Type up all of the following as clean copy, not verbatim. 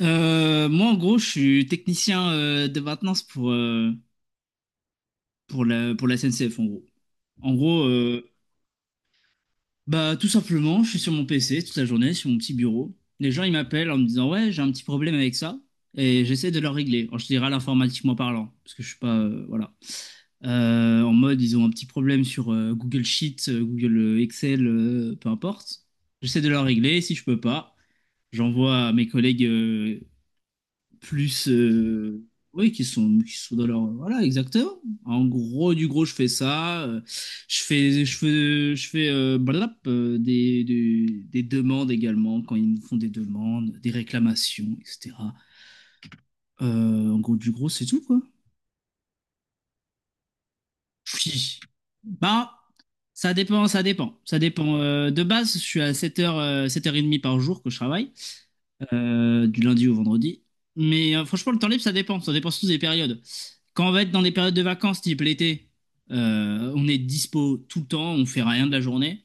Moi, en gros, je suis technicien de maintenance pour la SNCF, en gros. En gros, bah, tout simplement, je suis sur mon PC toute la journée, sur mon petit bureau. Les gens, ils m'appellent en me disant, ouais, j'ai un petit problème avec ça. Et j'essaie de leur régler, en général informatiquement parlant, parce que je suis pas, voilà. En mode, ils ont un petit problème sur Google Sheets, Google Excel, peu importe. J'essaie de leur régler, si je peux pas, j'envoie à mes collègues plus, oui, qui sont dans leur, voilà, exactement. En gros du gros, je fais ça. Je fais des demandes, également quand ils nous font des demandes, des réclamations, etc. En gros du gros, c'est tout quoi. Phi. Bah, ça dépend, ça dépend. Ça dépend. De base, je suis à 7h30 par jour que je travaille, du lundi au vendredi. Mais franchement, le temps libre, ça dépend. Ça dépend surtout des périodes. Quand on va être dans des périodes de vacances, type l'été, on est dispo tout le temps, on fait rien de la journée.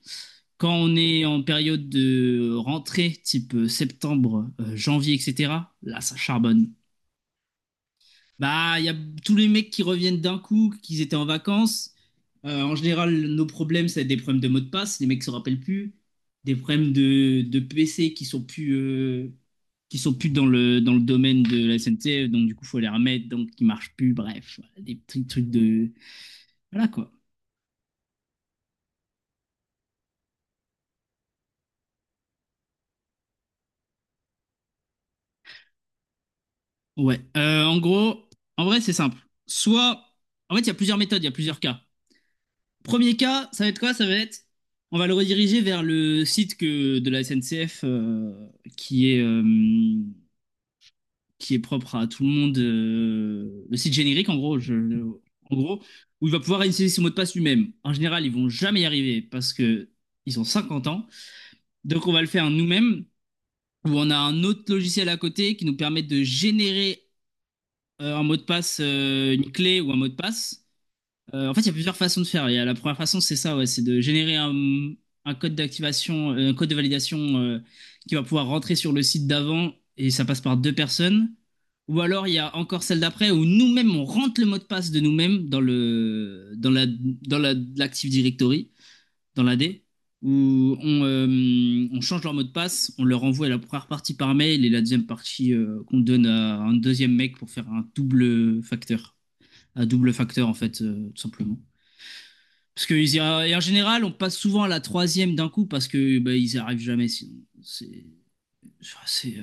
Quand on est en période de rentrée, type septembre, janvier, etc., là, ça charbonne. Bah, il y a tous les mecs qui reviennent d'un coup, qu'ils étaient en vacances. En général, nos problèmes, c'est des problèmes de mots de passe, les mecs se rappellent plus, des problèmes de PC qui sont plus, dans le, domaine de la SNCF, donc du coup, faut les remettre, donc qui marchent plus, bref, voilà, des petits trucs de. Voilà quoi. Ouais. En gros, en vrai, c'est simple. Soit. En fait, il y a plusieurs méthodes, il y a plusieurs cas. Premier cas, ça va être quoi? Ça va être, on va le rediriger vers le site que, de la SNCF, qui est, euh, qui est propre à tout le monde, le site générique en gros, en gros, où il va pouvoir initialiser son mot de passe lui-même. En général, ils vont jamais y arriver parce que ils ont 50 ans. Donc on va le faire nous-mêmes, où on a un autre logiciel à côté qui nous permet de générer un mot de passe, une clé ou un mot de passe. En fait, il y a plusieurs façons de faire. Il y a la première façon, c'est ça, ouais, c'est de générer un code d'activation, un code de validation qui va pouvoir rentrer sur le site d'avant, et ça passe par deux personnes. Ou alors, il y a encore celle d'après où nous-mêmes, on rentre le mot de passe de nous-mêmes dans l'Active Directory, dans la D, où on change leur mot de passe, on leur envoie la première partie par mail et la deuxième partie, qu'on donne à un deuxième mec pour faire un double facteur. Un double facteur, en fait, tout simplement. Parce que et en général, on passe souvent à la troisième d'un coup parce que bah, ils n'y arrivent jamais sinon. C'est, enfin, c'est,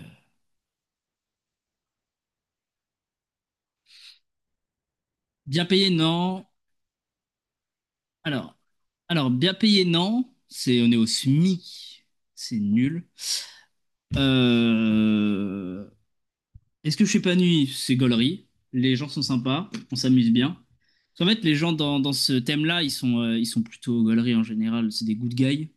bien payé, non. Alors, alors, bien payé, non. C'est, on est au SMIC, c'est nul. Euh, Est-ce que je suis pas nuit? C'est gaulerie. Les gens sont sympas, on s'amuse bien. En fait, les gens dans ce thème-là, ils sont plutôt gaulerie en général. C'est des good guys.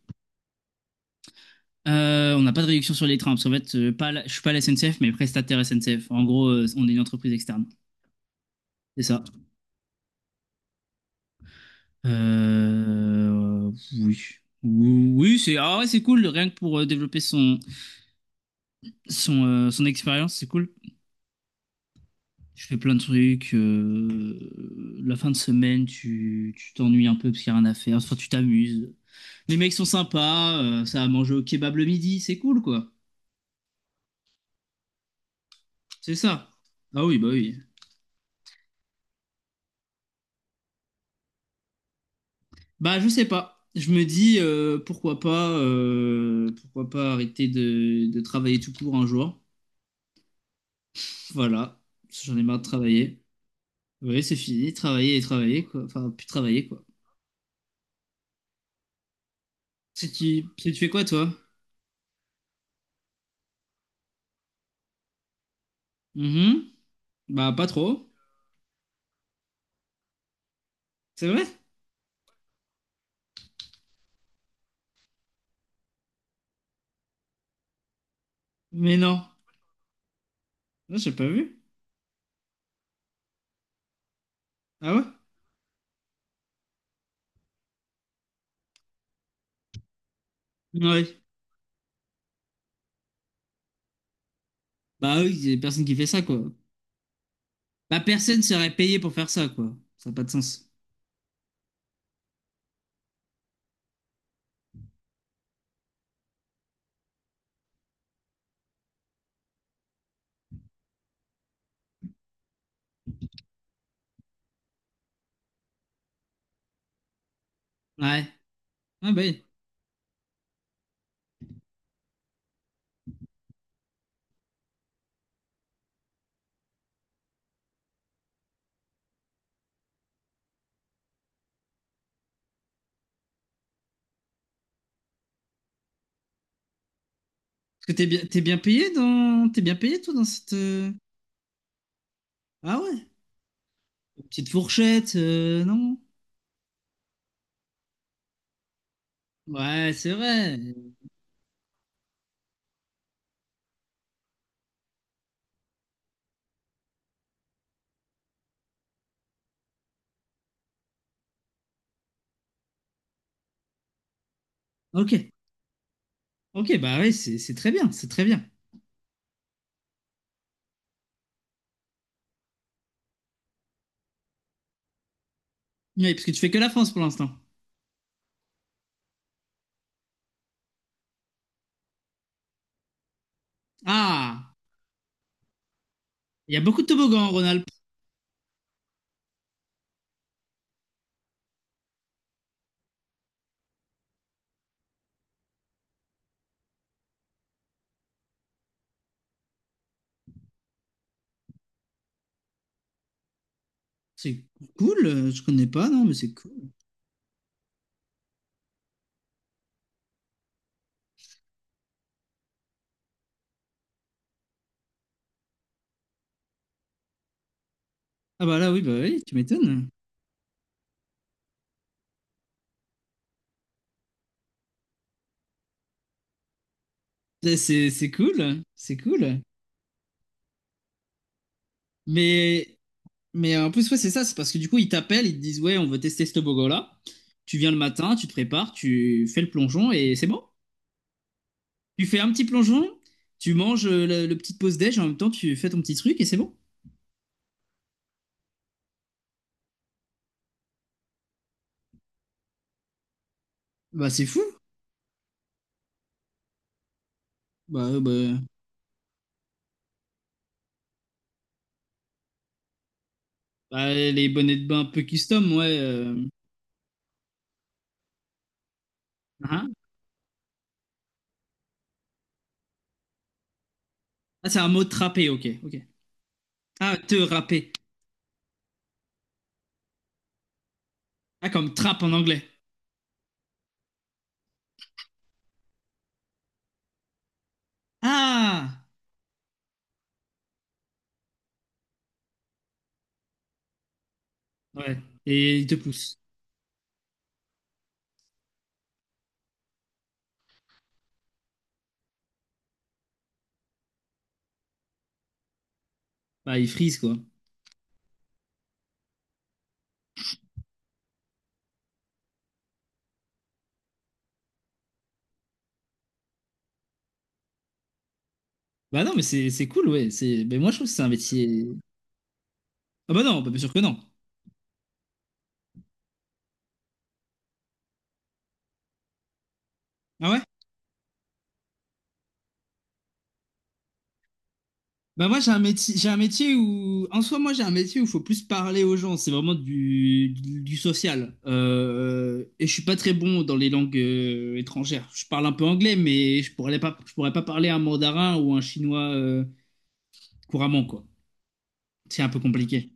On n'a pas de réduction sur les trains, parce qu'en fait, pas la- je suis pas la SNCF, mais prestataire SNCF. En gros, on est une entreprise externe. C'est ça. Euh, oui. Oui, oui, c'est, ah ouais, c'est cool, rien que pour développer son, son expérience, c'est cool. Je fais plein de trucs. La fin de semaine, tu t'ennuies un peu parce qu'il n'y a rien à faire. Enfin, tu t'amuses. Les mecs sont sympas, ça a mangé au kebab le midi, c'est cool, quoi. C'est ça. Ah oui. Bah, je sais pas. Je me dis, pourquoi pas arrêter de travailler tout court un jour. Voilà, parce que j'en ai marre de travailler. Oui, c'est fini, travailler et travailler, quoi. Enfin, plus travailler, quoi. Si tu fais quoi, toi? Mhm. Bah, pas trop. C'est vrai? Mais non. Non, j'ai pas vu. Ah ouais? Ouais. Bah oui, il y a personne qui fait ça, quoi. Bah, personne serait payé pour faire ça, quoi. Ça n'a pas de sens. Ouais. Ah bah oui. Parce que t'es bien payé toi dans cette. Ah ouais. Une petite fourchette, non? Ouais, c'est vrai. Ok, ok, bah oui, c'est très bien, c'est très bien. Oui, parce que tu fais que la France pour l'instant. Ah, il y a beaucoup de toboggans en Rhône-Alpes. C'est cool, je connais pas, non, mais c'est cool. Ah bah là, oui, bah oui, tu m'étonnes. C'est cool, c'est cool. Mais, mais, en plus, ouais, c'est ça, c'est parce que du coup, ils t'appellent, ils te disent, ouais, on veut tester ce toboggan-là. Tu viens le matin, tu te prépares, tu fais le plongeon et c'est bon. Tu fais un petit plongeon, tu manges le petit pause-déj, en même temps, tu fais ton petit truc et c'est bon. Bah, c'est fou. Bah, bah, bah, les bonnets de bain un peu custom, ouais. Hein. Ah, c'est un mot, trapper, ok, ok. Ah, te râper. Ah, comme trappe en anglais. Ah! Ouais. Et il te pousse. Bah, il frise, quoi. Bah, non, mais c'est cool, ouais. C'est. Mais moi, je trouve que c'est un métier. Ah, bah, non, bah, bien sûr que non. Ah, ouais? Bah moi, j'ai un métier où en soi moi j'ai un métier où il faut plus parler aux gens, c'est vraiment du social. Et je suis pas très bon dans les langues étrangères. Je parle un peu anglais mais je pourrais pas parler un mandarin ou un chinois couramment, quoi. C'est un peu compliqué.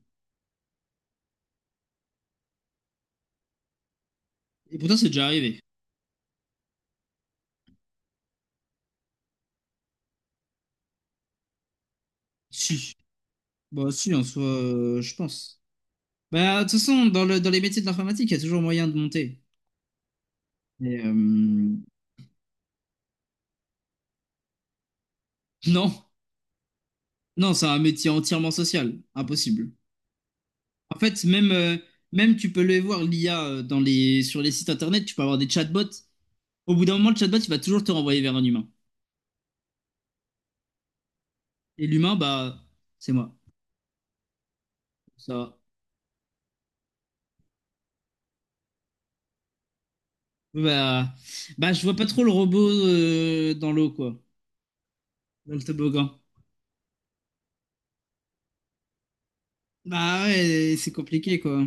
Et pourtant, c'est déjà arrivé. Si. Bah si, en soi, je pense. Bah de toute façon, dans les métiers de l'informatique, il y a toujours moyen de monter. Mais, non. Non, c'est un métier entièrement social, impossible. En fait, même tu peux le voir, l'IA, sur les sites internet, tu peux avoir des chatbots. Au bout d'un moment, le chatbot, il va toujours te renvoyer vers un humain. Et l'humain, bah, c'est moi. Ça va. Bah, bah, je vois pas trop le robot, dans l'eau, quoi. Dans le toboggan. Bah ouais, c'est compliqué, quoi.